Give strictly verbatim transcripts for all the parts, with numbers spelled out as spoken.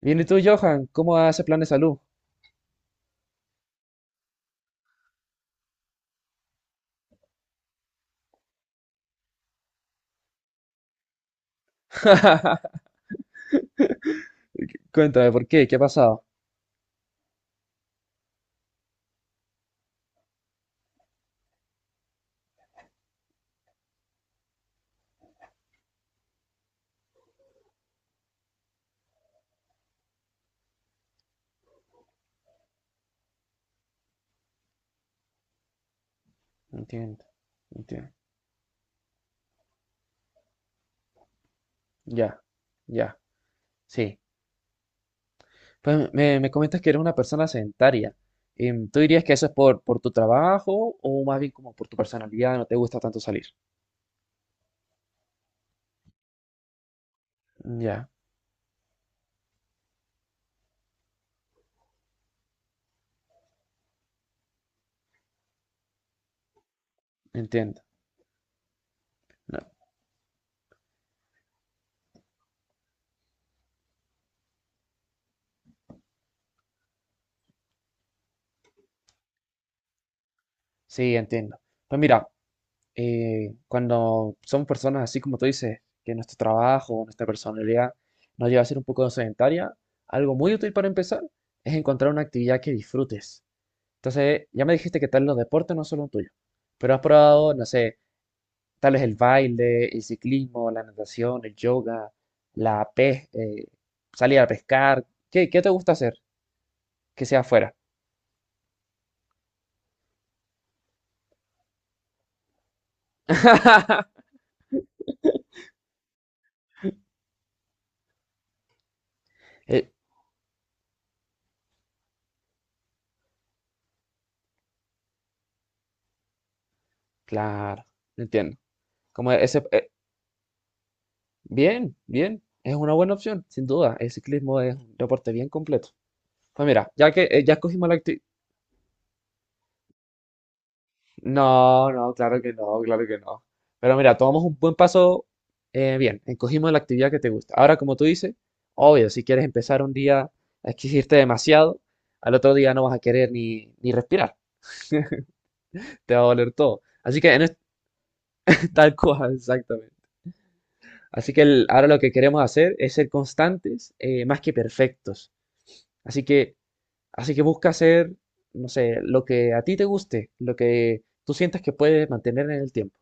Bien, ¿y tú, Johan? ¿Cómo va ese plan de salud? Cuéntame, ¿por qué? ¿Qué ha pasado? Entiendo, entiendo. Ya, ya, sí. Pues me, me comentas que eres una persona sedentaria. Em, ¿Tú dirías que eso es por, por tu trabajo o más bien como por tu personalidad? ¿No te gusta tanto salir? Ya, entiendo. No, sí, entiendo. Pues mira, eh, cuando somos personas así como tú dices, que nuestro trabajo, nuestra personalidad nos lleva a ser un poco sedentaria, algo muy útil para empezar es encontrar una actividad que disfrutes. Entonces, ya me dijiste que tal los deportes no son los tuyos, pero has probado, no sé, tal vez el baile, el ciclismo, la natación, el yoga, la pes eh, salir a pescar. ¿Qué, qué te gusta hacer que sea afuera? Eh, claro, entiendo. Como ese, eh, bien, bien, es una buena opción, sin duda. El ciclismo es un deporte bien completo. Pues mira, ya que eh, ya escogimos la, acti- No, no, claro que no, claro que no. Pero mira, tomamos un buen paso eh, bien, encogimos la actividad que te gusta. Ahora, como tú dices, obvio, si quieres empezar un día a exigirte demasiado, al otro día no vas a querer ni, ni respirar, te va a doler todo. Así que en este, tal cual, exactamente. Así que el- ahora lo que queremos hacer es ser constantes, eh, más que perfectos. Así que Así que busca hacer, no sé, lo que a ti te guste, lo que tú sientas que puedes mantener en el tiempo.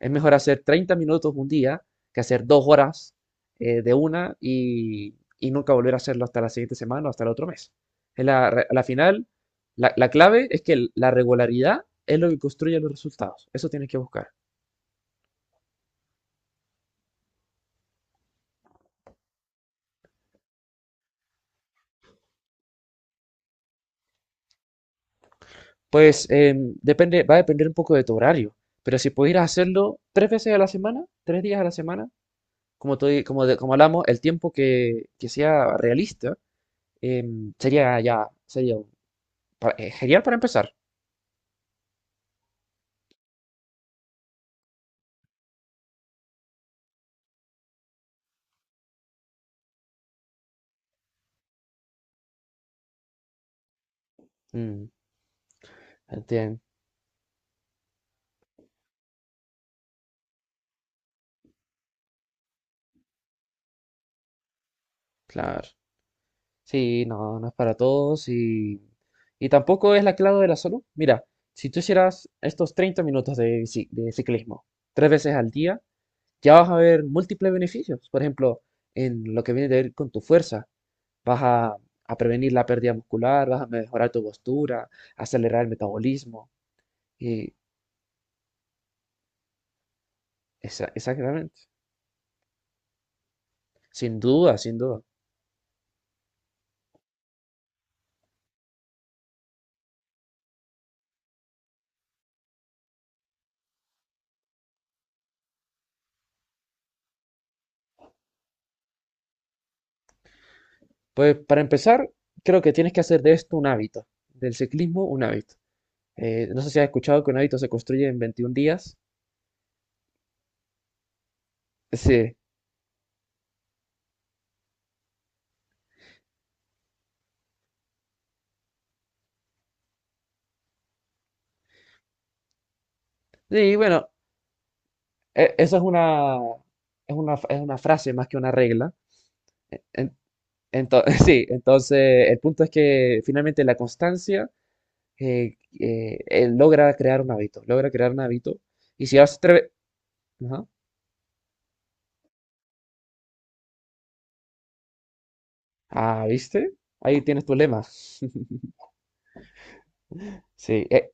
Es mejor hacer treinta minutos un día que hacer dos horas eh, de una y, y nunca volver a hacerlo hasta la siguiente semana o hasta el otro mes. Es la, re- a la final, la, la clave es que el- la regularidad es lo que construye los resultados. Eso tienes que buscar. Pues em, depende, va a depender un poco de tu horario, pero si pudieras hacerlo tres veces a la semana, tres días a la semana, como, te- como, de- como hablamos, el tiempo que, que sea realista em, sería ya, sería pa- eh, genial para empezar. Mm, entiendo, claro. Sí, no, no es para todos y, y tampoco es la clave de la salud. Mira, si tú hicieras estos treinta minutos de, bici- de ciclismo tres veces al día, ya vas a ver múltiples beneficios. Por ejemplo, en lo que viene de ver con tu fuerza, vas a, a prevenir la pérdida muscular, vas a mejorar tu postura, acelerar el metabolismo. Y Esa- exactamente. Sin duda, sin duda. Pues para empezar, creo que tienes que hacer de esto un hábito, del ciclismo un hábito. Eh, no sé si has escuchado que un hábito se construye en veintiún días. Sí. Sí, bueno, e- eso es una, es una, es una frase más que una regla. E, En- ento- sí, entonces el punto es que finalmente la constancia eh, eh, eh, logra crear un hábito, logra crear un hábito. Y si vas a... Ajá. Ah, ¿viste? Ahí tienes tu lema. Sí, e-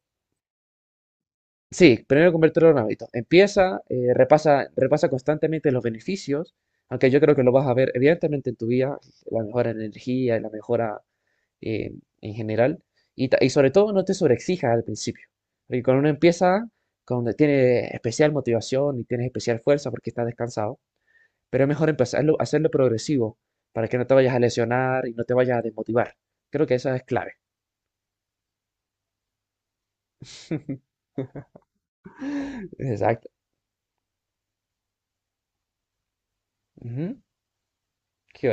Sí, primero convertirlo en un hábito. Empieza, eh, repasa, repasa constantemente los beneficios, aunque yo creo que lo vas a ver evidentemente en tu vida, la mejora en energía y la mejora eh, en general. Y, ta- y sobre todo no te sobreexijas al principio, porque cuando uno empieza, cuando tiene especial motivación y tienes especial fuerza porque estás descansado, pero es mejor empezarlo, hacerlo progresivo para que no te vayas a lesionar y no te vayas a desmotivar. Creo que esa es clave. Exacto. Ujú. ¿Qué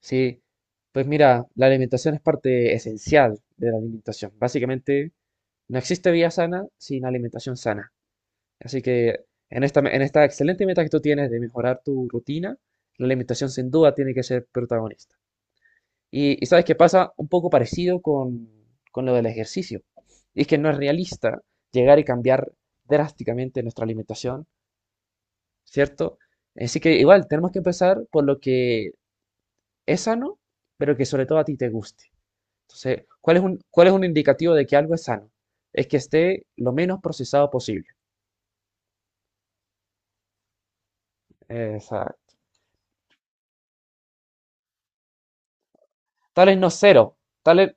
sí, pues mira, la alimentación es parte esencial de la alimentación. Básicamente, no existe vida sana sin alimentación sana. Así que en esta, en esta excelente meta que tú tienes de mejorar tu rutina, la alimentación sin duda tiene que ser protagonista. Y, y sabes qué pasa un poco parecido con, con lo del ejercicio. Y es que no es realista llegar y cambiar drásticamente nuestra alimentación, ¿cierto? Así que igual tenemos que empezar por lo que es sano, pero que sobre todo a ti te guste. Entonces, ¿cuál es un, ¿cuál es un indicativo de que algo es sano? Es que esté lo menos procesado posible. Exacto. Tal es no cero, tal es,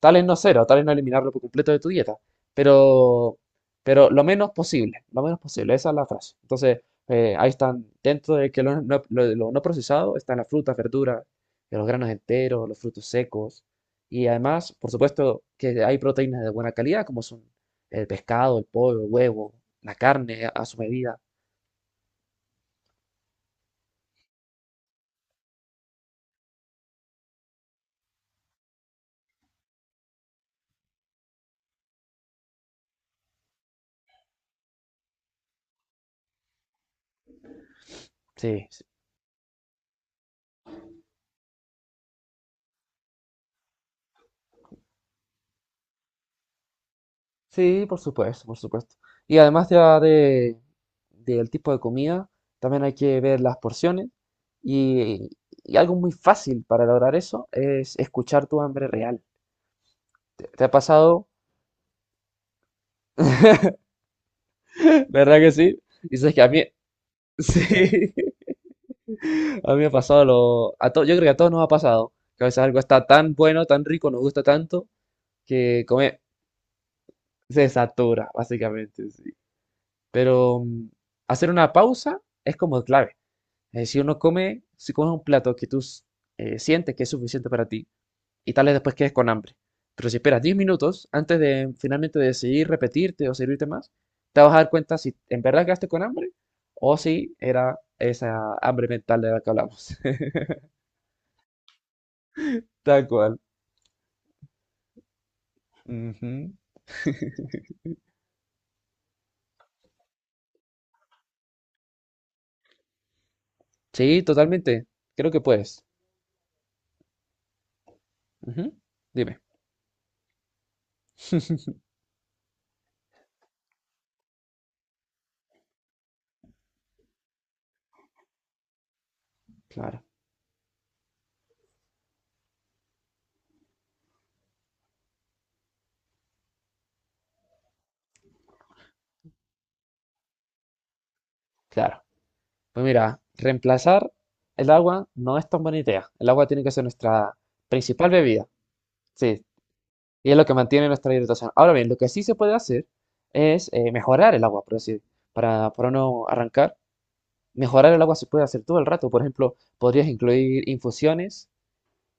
tal es no cero, tal es no eliminarlo por completo de tu dieta, pero, pero lo menos posible, lo menos posible, esa es la frase. Entonces, eh, ahí están, dentro de que lo no, lo- lo no procesado están las frutas, verduras, eh, los granos enteros, los frutos secos. Y además, por supuesto, que hay proteínas de buena calidad, como son el pescado, el pollo, el huevo, la carne a a su medida. Sí, sí, sí, por supuesto, por supuesto. Y además ya de, Del tipo de comida, también hay que ver las porciones. Y, y algo muy fácil para lograr eso es escuchar tu hambre real. ¿Te, te ha pasado? ¿Verdad que sí? Dices que a mí, sí, a mí me ha pasado lo, a to- yo creo que a todos nos ha pasado, que a veces algo está tan bueno, tan rico, nos gusta tanto, que comer se satura, básicamente, sí. Pero mm, hacer una pausa es como clave. Es decir, uno come, si comes un plato que tú eh, sientes que es suficiente para ti y tal vez después quedes con hambre. Pero si esperas diez minutos antes de finalmente decidir repetirte o servirte más, te vas a dar cuenta si en verdad quedaste con hambre o si era esa hambre mental de la que hablamos. Tal cual. Ujú. Sí, totalmente. Creo que puedes. Ujú. Dime. Claro, claro. Pues mira, reemplazar el agua no es tan buena idea. El agua tiene que ser nuestra principal bebida. Sí, y es lo que mantiene nuestra hidratación. Ahora bien, lo que sí se puede hacer es eh, mejorar el agua, por decir, para, para no arrancar. Mejorar el agua se puede hacer todo el rato. Por ejemplo, podrías incluir infusiones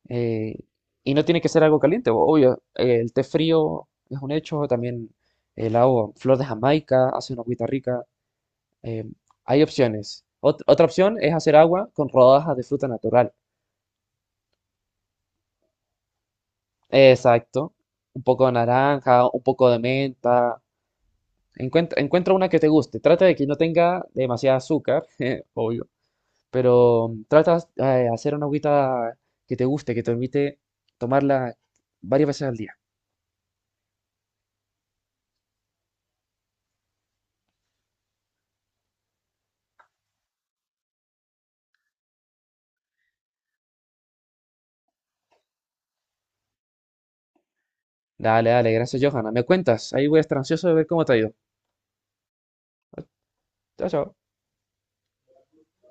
eh, y no tiene que ser algo caliente. Obvio, eh, el té frío es un hecho. También el agua, flor de Jamaica, hace una agüita rica. eh, Hay opciones. Ot- otra opción es hacer agua con rodajas de fruta natural. Exacto. Un poco de naranja, un poco de menta. Encuentra, encuentra una que te guste. Trata de que no tenga demasiada azúcar, eh, obvio, pero trata de hacer una agüita que te guste, que te permite tomarla varias veces al día. Dale, dale, gracias, Johanna. Me cuentas, ahí voy a estar ansioso de ver cómo te ha ido. Chao, chao.